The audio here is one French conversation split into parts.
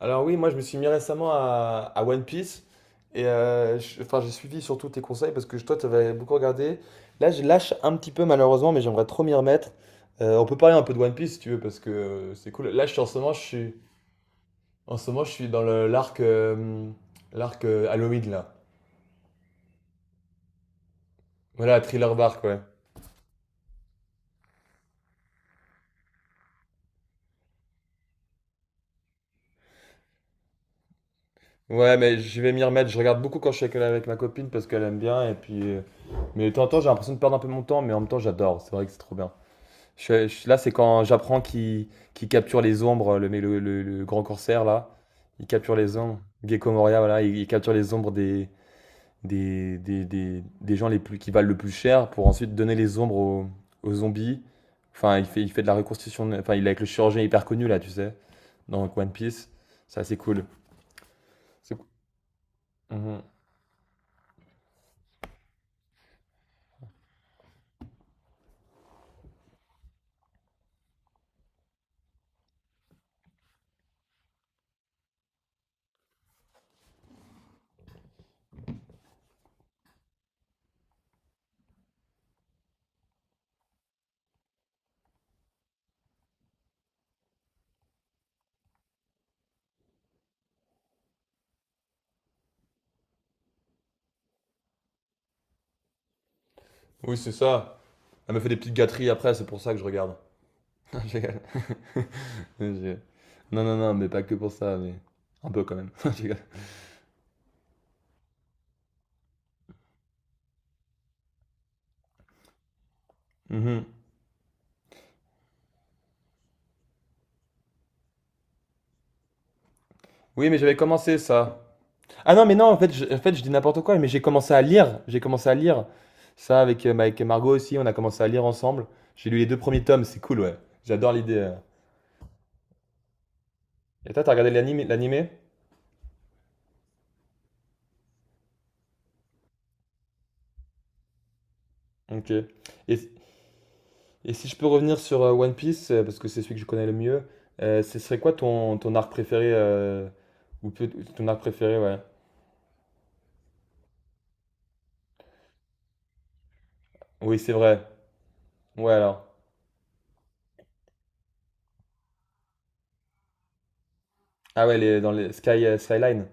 Alors oui, moi je me suis mis récemment à One Piece et j'ai suivi surtout tes conseils parce que toi tu avais beaucoup regardé. Là je lâche un petit peu malheureusement mais j'aimerais trop m'y remettre. On peut parler un peu de One Piece si tu veux parce que c'est cool. Là je suis en ce moment je suis en ce moment je suis dans le l'arc Halloween là. Voilà, Thriller Bark ouais. Ouais mais je vais m'y remettre. Je regarde beaucoup quand je suis avec ma copine parce qu'elle aime bien et puis mais de temps en temps j'ai l'impression de perdre un peu mon temps mais en même temps j'adore. C'est vrai que c'est trop bien. Là, c'est quand j'apprends qu'il capture les ombres, le, mais le grand corsaire, là. Il capture les ombres. Gecko Moria, voilà. Il capture les ombres des gens les plus, qui valent le plus cher pour ensuite donner les ombres aux, aux zombies. Enfin, il fait de la reconstitution. Enfin, il est avec le chirurgien hyper connu, là, tu sais, dans One Piece. C'est assez cool. C'est Mhm. Oui, c'est ça. Elle me fait des petites gâteries après, c'est pour ça que je regarde. Je rigole. Je- Non, non, non, mais pas que pour ça, mais un peu quand même. Je rigole. Mhm. Oui, mais j'avais commencé ça. Ah non, mais non, en fait, en fait, je dis n'importe quoi, mais j'ai commencé à lire. J'ai commencé à lire ça avec, avec Margot aussi. On a commencé à lire ensemble. J'ai lu les deux premiers tomes, c'est cool, ouais. J'adore l'idée. Et toi, t'as regardé l'animé? Ok. Et, et si je peux revenir sur One Piece, parce que c'est celui que je connais le mieux, ce serait quoi ton arc préféré ou peut- ton arc préféré, ouais. Oui, c'est vrai. Ouais, alors. Ah ouais, les, dans les Sky, Skyline.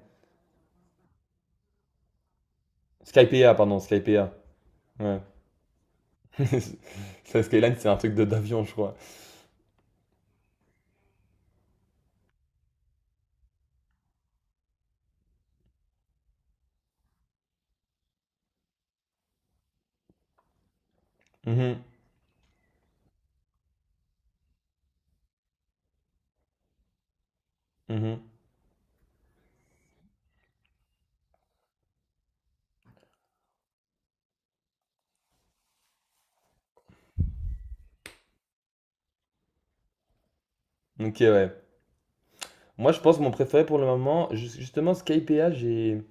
Skypiea, pardon, Skypiea. Ouais. Ça, Skyline, c'est un truc de d'avion, je crois. Mhm, mhm. Ok, ouais. Moi, je pense que mon préféré pour le moment, justement, Skypea,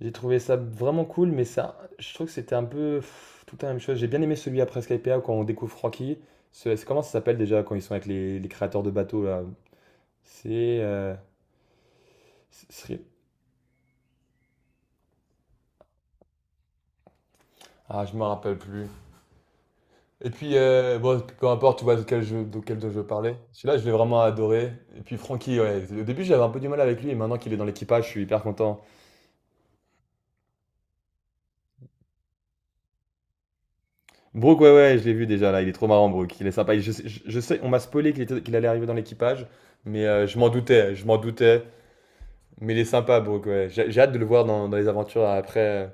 j'ai trouvé ça vraiment cool, mais ça, je trouve que c'était un peu pff, tout le temps la même chose. J'ai bien aimé celui après Skypea quand on découvre Rocky. Comment ça s'appelle déjà quand ils sont avec les créateurs de bateaux là? C'est. euh, c'est- c'est- Ah, je me rappelle plus. Et puis, bon, peu importe, tu vois de quel jeu je parlais. Celui-là, je l'ai vraiment adoré. Et puis, Francky, ouais. Au début, j'avais un peu du mal avec lui, et maintenant qu'il est dans l'équipage, je suis hyper content. Brooke, ouais, je l'ai vu déjà, là. Il est trop marrant, Brooke. Il est sympa. Je sais, on m'a spoilé qu'il allait arriver dans l'équipage, mais je m'en je m'en doutais. Mais il est sympa, Brooke, ouais. J'ai hâte de le voir dans les aventures après.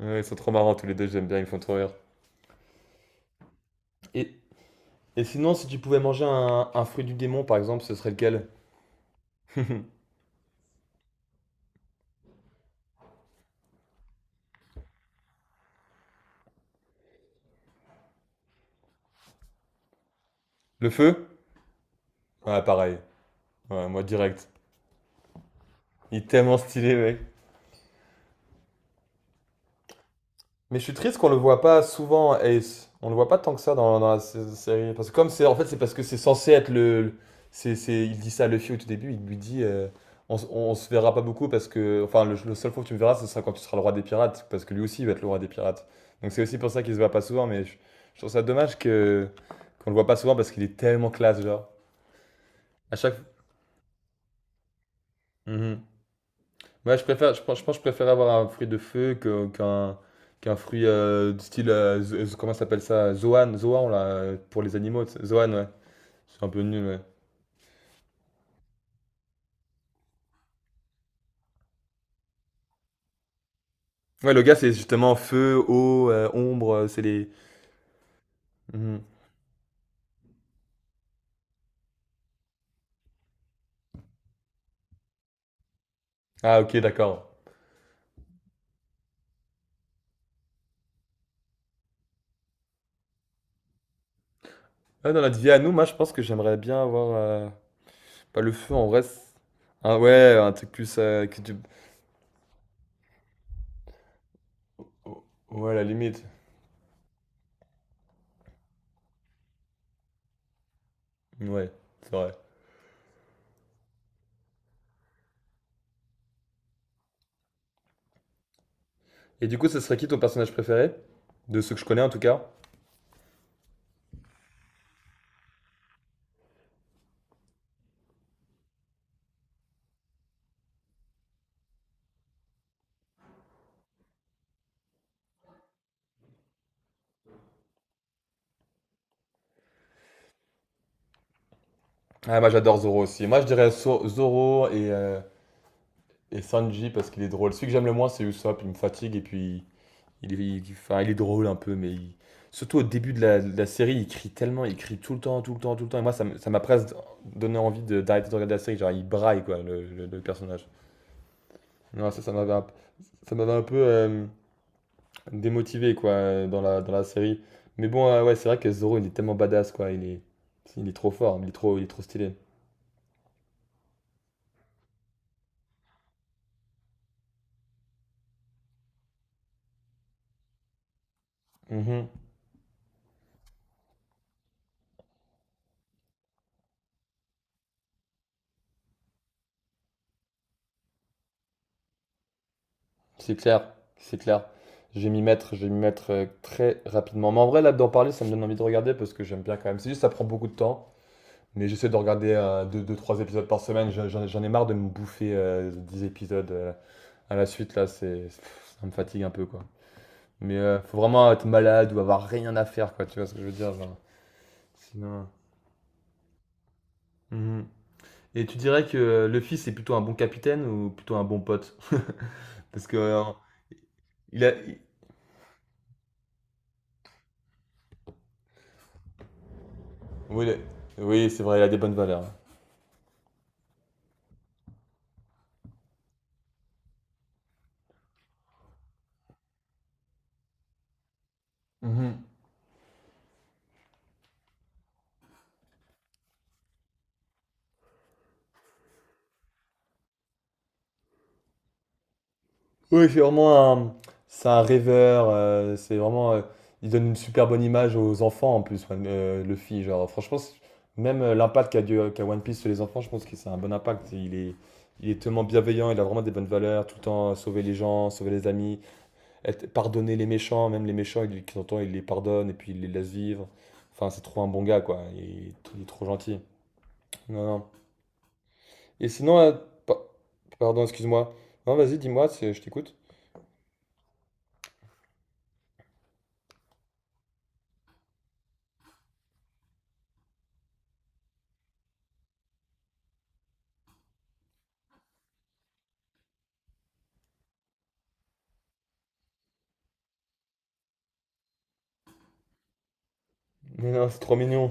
Ouais, ils sont trop marrants, tous les deux, j'aime bien, ils me font trop rire. Et, et sinon, si tu pouvais manger un fruit du démon, par exemple, ce serait lequel? Le feu? Ouais, pareil. Ouais, moi, direct. Il est tellement stylé, mec. Mais je suis triste qu'on le voit pas souvent, Ace. On le voit pas tant que ça dans la série. Parce que comme c'est, en fait, c'est parce que c'est censé être il dit ça à Luffy au tout début. Il lui dit, on se verra pas beaucoup parce que, enfin, le seul fois que tu me verras, ce sera quand tu seras le roi des pirates, parce que lui aussi il va être le roi des pirates. Donc c'est aussi pour ça qu'il se voit pas souvent. Je trouve ça dommage que qu'on le voit pas souvent parce qu'il est tellement classe, genre. À chaque. Mhm. Ouais, je pense que je préfère avoir un fruit de feu qu'un fruit du style, comment ça s'appelle ça? Zoan là, pour les animaux. Tu sais. Zoan, ouais. C'est un peu nul, ouais. Ouais, le gars, c'est justement feu, eau, ombre, c'est les... Mhm. Ah, ok, d'accord. Ouais, dans notre vie à nous, moi, je pense que j'aimerais bien avoir... pas le feu, en vrai. Ah ouais, un truc plus... Oh, ouais, à la limite. Ouais, c'est vrai. Et du coup, ce serait qui ton personnage préféré? De ceux que je connais, en tout cas. Ah, moi j'adore Zoro aussi. Moi je dirais Zoro et Sanji parce qu'il est drôle. Celui que j'aime le moins c'est Usopp, il me fatigue et puis il, est- il- enfin, il est drôle un peu, surtout au début de de la série, il crie tellement, il crie tout le temps, tout le temps, tout le temps. Et moi ça m'a presque donné envie d'arrêter de regarder la série. Genre il braille quoi, le personnage. Non, Ça m'avait ça m'avait un peu démotivé quoi dans dans la série. Mais bon, ouais, c'est vrai que Zoro il est tellement badass quoi, il est trop fort, il est trop stylé. Mhm. C'est clair, c'est clair. Je vais m'y mettre très rapidement. Mais en vrai, là, d'en parler, ça me donne envie de regarder parce que j'aime bien quand même. C'est juste, ça prend beaucoup de temps. Mais j'essaie de regarder euh, deux, trois épisodes par semaine. J'en ai marre de me bouffer 10 épisodes à la suite, là. C'est, pff, ça me fatigue un peu, quoi. Mais faut vraiment être malade ou avoir rien à faire, quoi. Tu vois ce que je veux dire, genre. Sinon. Mhm. Et tu dirais que le fils est plutôt un bon capitaine ou plutôt un bon pote? Parce que il a. il- Oui, c'est vrai, il a des bonnes valeurs. Mhm. Oui, c'est un rêveur. Il donne une super bonne image aux enfants en plus, Luffy. Genre, franchement, même qu'a One Piece sur les enfants, je pense que c'est un bon impact. Il est tellement bienveillant, il a vraiment des bonnes valeurs, tout le temps sauver les gens, sauver les amis, pardonner les méchants, même les méchants, il, de temps en temps, il les pardonne et puis il les laisse vivre. Enfin, c'est trop un bon gars, quoi. Il est trop gentil. Non, non. Et sinon, pa- pardon, excuse-moi. Non, vas-y, dis-moi, je t'écoute. Mais non, c'est trop mignon.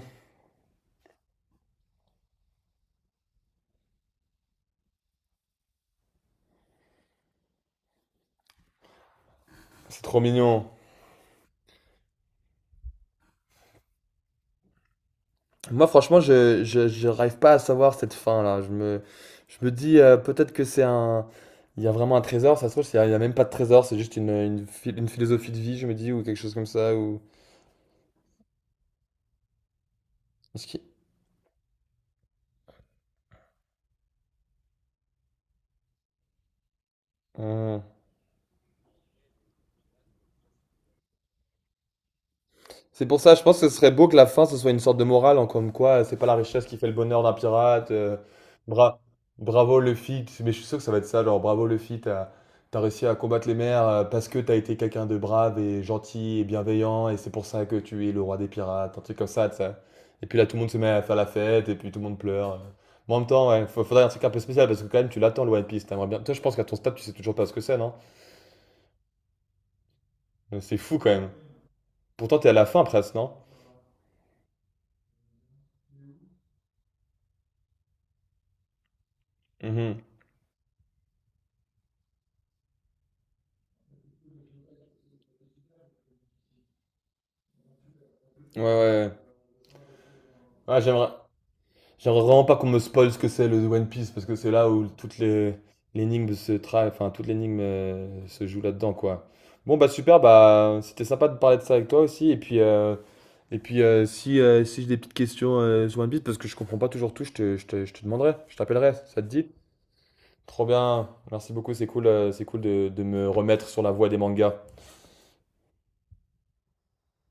C'est trop mignon. Moi, franchement, je n'arrive pas à savoir cette fin-là. Je me dis peut-être que c'est un. Il y a vraiment un trésor, ça se trouve, il y a même pas de trésor, c'est juste une philosophie de vie, je me dis, ou quelque chose comme ça, ou. Est-ce Hmm. C'est pour ça, je pense que ce serait beau que la fin, ce soit une sorte de morale, en comme quoi, c'est pas la richesse qui fait le bonheur d'un pirate. Bra- Bravo Luffy, mais je suis sûr que ça va être ça, genre bravo Luffy, t'as réussi à combattre les mers parce que t'as été quelqu'un de brave et gentil et bienveillant, et c'est pour ça que tu es le roi des pirates, un truc comme ça, tu sais. Et puis là, tout le monde se met à faire la fête, et puis tout le monde pleure. Mais en même temps, ouais, faudrait un truc un peu spécial, parce que quand même, tu l'attends, le One Piece, t'aimerais bien. Toi, je pense qu'à ton stade, tu sais toujours pas ce que c'est, non? C'est fou quand même. Pourtant, t'es à la fin presque, non? Mhm. Ouais, ouais. Ouais, ouais, j'aimerais. J'aimerais vraiment pas qu'on me spoil ce que c'est le One Piece parce que c'est là où toutes les enfin toute l'énigme se joue là-dedans quoi. Bon bah super bah c'était sympa de parler de ça avec toi aussi et puis si si j'ai des petites questions sur One Piece parce que je comprends pas toujours tout, je te demanderai, je t'appellerai, ça te dit? Trop bien, merci beaucoup, c'est cool de me remettre sur la voie des mangas.